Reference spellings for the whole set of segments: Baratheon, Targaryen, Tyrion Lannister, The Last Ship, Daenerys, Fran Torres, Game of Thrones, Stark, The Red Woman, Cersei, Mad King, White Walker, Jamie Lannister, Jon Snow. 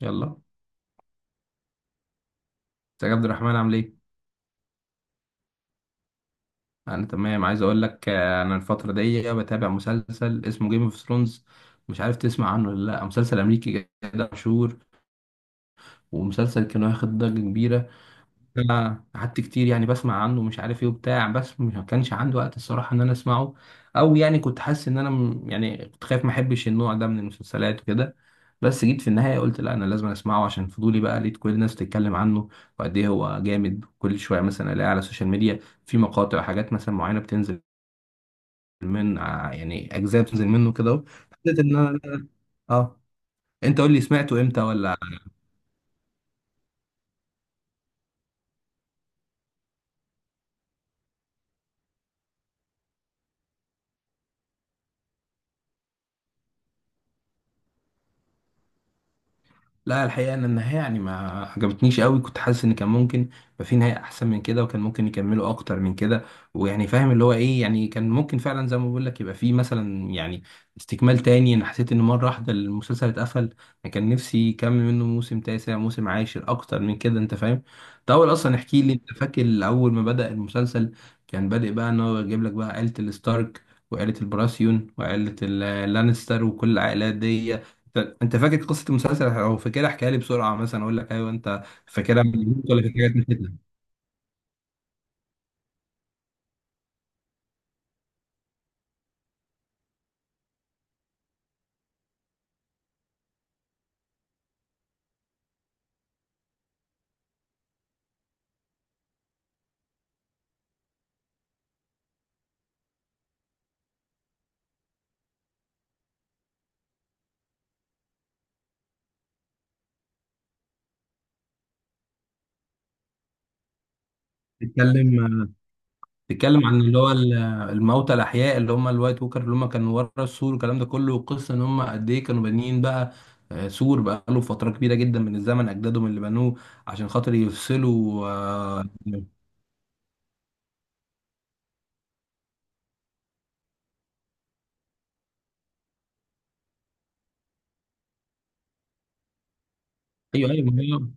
يلا ازيك يا عبد الرحمن، عامل ايه؟ انا تمام. عايز اقول لك، انا الفتره دي بتابع مسلسل اسمه جيم اوف ثرونز. مش عارف تسمع عنه ولا لا؟ مسلسل امريكي كده مشهور، ومسلسل كان واخد ضجه كبيره. أنا قعدت كتير يعني بسمع عنه، مش عارف ايه وبتاع، بس ما كانش عندي وقت الصراحه ان انا اسمعه. او يعني كنت حاسس ان انا يعني كنت خايف ما احبش النوع ده من المسلسلات وكده. بس جيت في النهايه قلت لا، انا لازم اسمعه عشان فضولي بقى. لقيت كل الناس بتتكلم عنه وقد ايه هو جامد. كل شويه مثلا الاقي على السوشيال ميديا في مقاطع وحاجات مثلا معينه بتنزل يعني اجزاء بتنزل منه كده أهو. حسيت ان انا اه. انت قول لي، سمعته امتى ولا؟ لا، الحقيقة أن النهاية يعني ما عجبتنيش قوي. كنت حاسس إن كان ممكن يبقى في نهاية أحسن من كده، وكان ممكن يكملوا أكتر من كده، ويعني فاهم اللي هو إيه، يعني كان ممكن فعلا زي ما بقول لك يبقى في مثلا يعني استكمال تاني. أنا حسيت إن مرة واحدة المسلسل اتقفل. أنا كان نفسي يكمل منه موسم تاسع، موسم عاشر، أكتر من كده، أنت فاهم. ده أول، أصلا احكي لي، أنت فاكر أول ما بدأ المسلسل كان بادئ بقى إن هو يجيب لك بقى عيلة الستارك وعيلة البراسيون وعيلة اللانستر وكل العائلات دي. انت فاكر قصه المسلسل او فاكرها؟ احكيها لي بسرعه، مثلا اقول لك ايوه انت فاكرها من الهبوط ولا في حاجات نسيتها. تتكلم تتكلم عن اللي هو الموتى الاحياء اللي هم الوايت ووكر، اللي هم كانوا ورا السور والكلام ده كله. والقصه ان هم قد ايه كانوا بانيين بقى سور بقى له فتره كبيره جدا من الزمن، اجدادهم اللي بنوه عشان خاطر يفصلوا ايوه ايوه.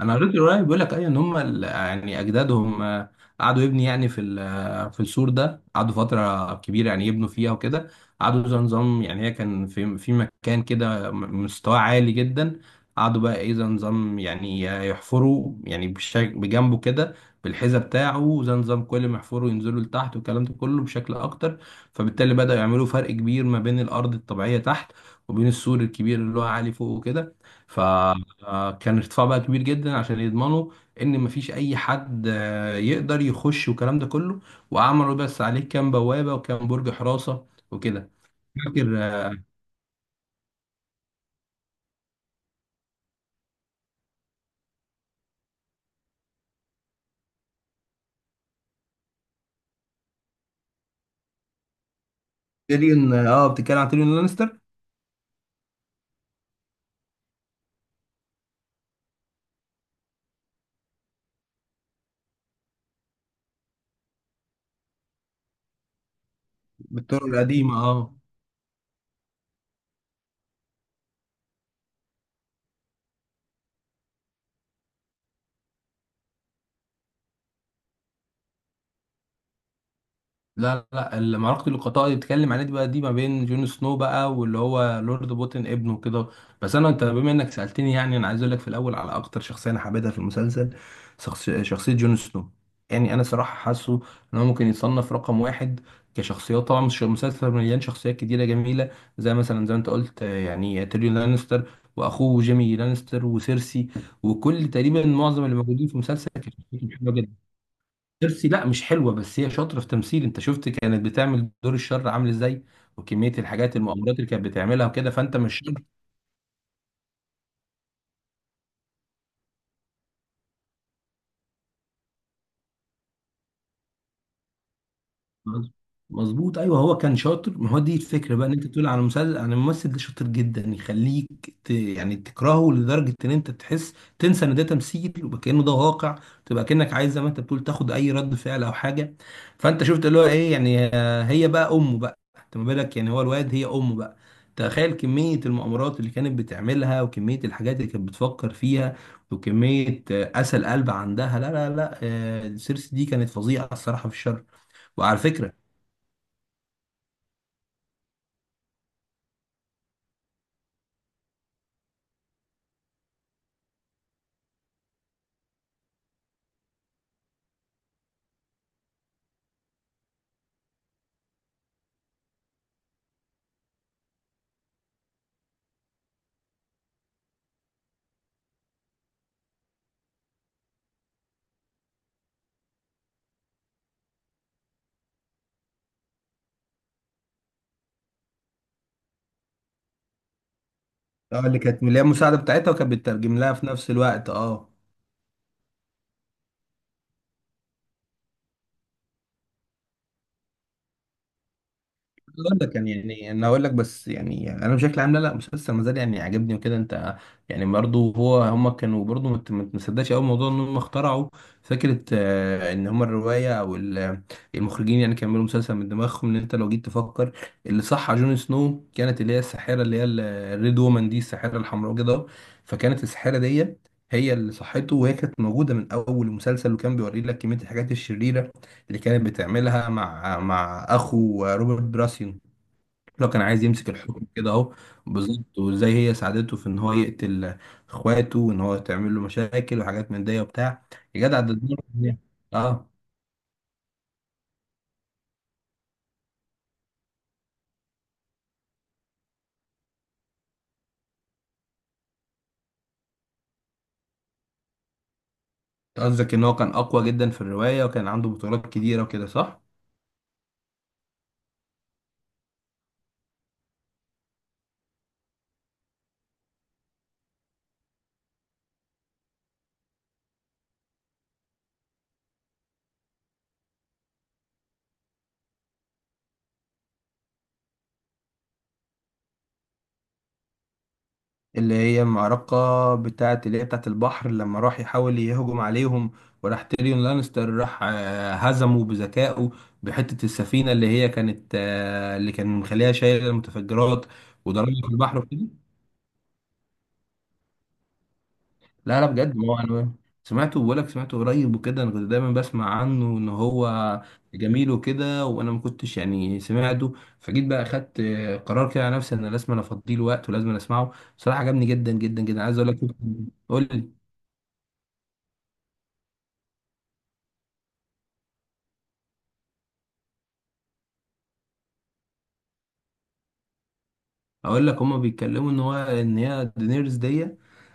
انا قريت الروايه. بيقول لك اي ان هم يعني اجدادهم قعدوا يبني يعني في في السور ده قعدوا فتره كبيره يعني يبنوا فيها وكده. قعدوا زي نظام، يعني هي كان في مكان كده مستواه عالي جدا. قعدوا بقى ايه زي نظام يعني يحفروا، يعني بشكل بجنبه كده، بالحذاء بتاعه. زي نظام كل ما يحفروا ينزلوا لتحت والكلام ده كله بشكل اكتر. فبالتالي بدأوا يعملوا فرق كبير ما بين الارض الطبيعيه تحت، وبين السور الكبير اللي هو عالي فوق وكده. ف كان ارتفاع بقى كبير جدا، عشان يضمنوا ان مفيش اي حد يقدر يخش والكلام ده كله. وعملوا بس عليه كام بوابه وكام برج حراسه وكده. فاكر تيريون. اه، بتتكلم عن تيريون لانستر. بالطرق القديمه، اه. لا لا، معركة اللقطاء اللي بتتكلم عليها دي بقى، دي ما بين جون سنو بقى واللي هو لورد بوتن ابنه كده. بس انا، بما انك سألتني، يعني انا عايز اقول لك في الاول على اكتر شخصية انا حبيتها في المسلسل. شخصية جون سنو. يعني انا صراحة حاسه ان هو ممكن يتصنف رقم واحد كشخصيات. طبعا مش، مسلسل مليان شخصيات كتيرة جميلة، زي مثلا زي ما انت قلت يعني تيريون لانستر واخوه جيمي لانستر وسيرسي. وكل، تقريبا معظم اللي موجودين في المسلسل كانت شخصيتهم حلوة. ترسي لا مش حلوه، بس هي شاطره في تمثيل. انت شفت كانت بتعمل دور الشر عامل ازاي، وكميه الحاجات المؤامرات اللي كانت بتعملها وكده، فانت مش. مظ- مظبوط، ايوه. هو كان شاطر. ما هو دي الفكره بقى، ان انت تقول على مسلسل عن الممثل ده شاطر جدا يخليك يعني تكرهه لدرجه ان انت تحس، تنسى ان ده تمثيل وكانه ده واقع. تبقى كانك عايز زي ما انت بتقول تاخد اي رد فعل او حاجه. فانت شفت اللي هو ايه، يعني هي بقى امه بقى. انت ما بالك، يعني هو الواد هي امه بقى. تخيل كميه المؤامرات اللي كانت بتعملها، وكميه الحاجات اللي كانت بتفكر فيها، وكميه قسى القلب عندها. لا لا لا، سيرسي دي كانت فظيعه الصراحه في الشر. وعلى فكرة، اه اللي كانت، اللي هي المساعده بتاعتها وكانت بتترجم لها في نفس الوقت، اه. اقول لك يعني، انا اقول لك بس، يعني انا بشكل عام لا لا، مسلسل ما زال يعني عاجبني وكده انت. يعني برضه هو، كانوا برضه ما ما تصدقش قوي موضوع ان هم اخترعوا فكره ان هم الروايه او المخرجين يعني كملوا مسلسل من دماغهم. ان انت لو جيت تفكر، اللي صح على جون سنو كانت اللي هي الساحره، اللي هي الريد وومن دي، الساحره الحمراء كده. فكانت الساحره دي هي اللي صحته، وهي كانت موجوده من اول المسلسل، وكان بيوري لك كميه الحاجات الشريره اللي كانت بتعملها مع اخو روبرت براسيون لو كان عايز يمسك الحكم كده اهو. بالظبط، وازاي هي ساعدته في ان هو يقتل اخواته، وان هو تعمل له مشاكل وحاجات من دي وبتاع. يا جدع ده دمار. اه، قصدك ان هو كان اقوى جدا في الرواية وكان عنده بطولات كتيرة وكده، صح؟ اللي هي معركة بتاعت، اللي هي بتاعت البحر لما راح يحاول يهجم عليهم، وراح تيريون لانستر راح هزمه بذكائه بحتة السفينة اللي هي كانت اللي كان مخليها شايلة المتفجرات وضربها في البحر وكده. لا لا، بجد، ما هو أنا سمعته، بقولك سمعته قريب وكده. أنا كنت دايما بسمع عنه إن هو جميل وكده، وأنا ما كنتش يعني سمعته. فجيت بقى أخدت قرار كده على نفسي إن لازم أنا أفضيه الوقت ولازم أنا أسمعه. بصراحة عجبني جدا جدا جدا، عايز أقول لك. قول لي. اقول لك، هما بيتكلموا ان هو، ان هي دينيرز دي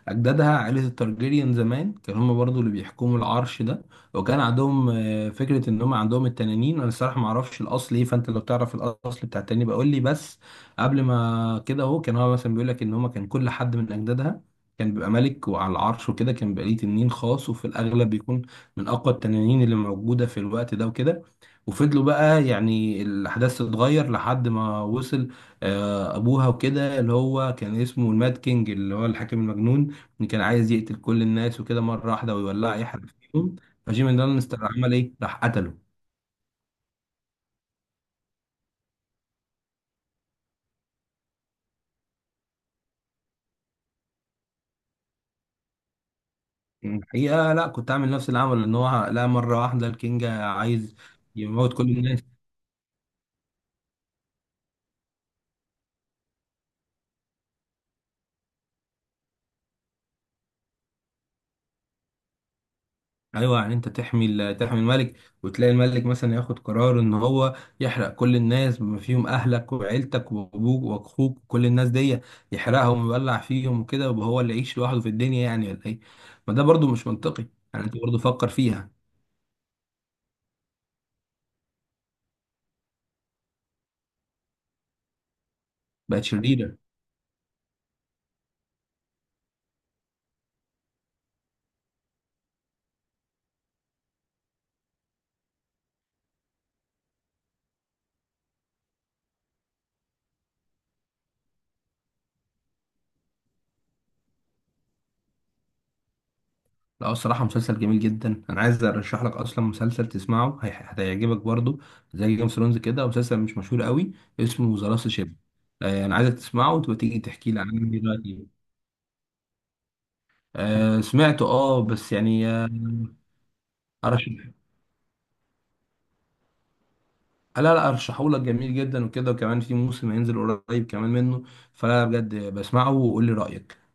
اجدادها عائله التارجيريان زمان كانوا هما برضو اللي بيحكموا العرش ده. وكان عندهم فكره ان هما عندهم التنانين. انا الصراحه ما اعرفش الاصل ايه، فانت لو تعرف الاصل بتاع التنانين بقول لي. بس قبل ما كده اهو، كان هو مثلا بيقول لك ان هما كان كل حد من اجدادها كان بيبقى ملك وعلى العرش وكده، كان بيبقى ليه تنين خاص، وفي الاغلب بيكون من اقوى التنانين اللي موجوده في الوقت ده وكده. وفضلوا بقى يعني الاحداث تتغير لحد ما وصل ابوها وكده، اللي هو كان اسمه الماد كينج، اللي هو الحاكم المجنون اللي كان عايز يقتل كل الناس وكده مره واحده ويولع اي حد فيهم. فجيمي لانستر عمل ايه؟ راح قتله. الحقيقه لا، كنت عامل نفس اللي عمله. ان هو لا، مره واحده الكينج عايز يموت كل الناس. ايوه، يعني انت تحمي تحمي الملك، وتلاقي الملك مثلا ياخد قرار ان هو يحرق كل الناس بما فيهم اهلك وعيلتك وابوك واخوك وكل الناس دي، يحرقهم ويولع فيهم وكده، يبقى هو اللي يعيش لوحده في الدنيا يعني، ولا ايه؟ ما ده برضو مش منطقي. يعني انت برضو فكر فيها. بقت شريرة. لا، الصراحة مسلسل جميل جدا. انا عايز ارشح لك اصلا مسلسل تسمعه هتعجبك برضو زي جيم اوف ثرونز كده، مسلسل مش مشهور قوي، اسمه ذا لاست شيب. انا عايزك تسمعه وتبقى تيجي تحكي لي عنه دلوقتي. آه سمعته، اه، بس يعني آه. ارشح؟ لا لا، ارشحه لك، جميل جدا وكده، وكمان في موسم هينزل قريب كمان منه. فلا بجد بسمعه وقول لي رأيك.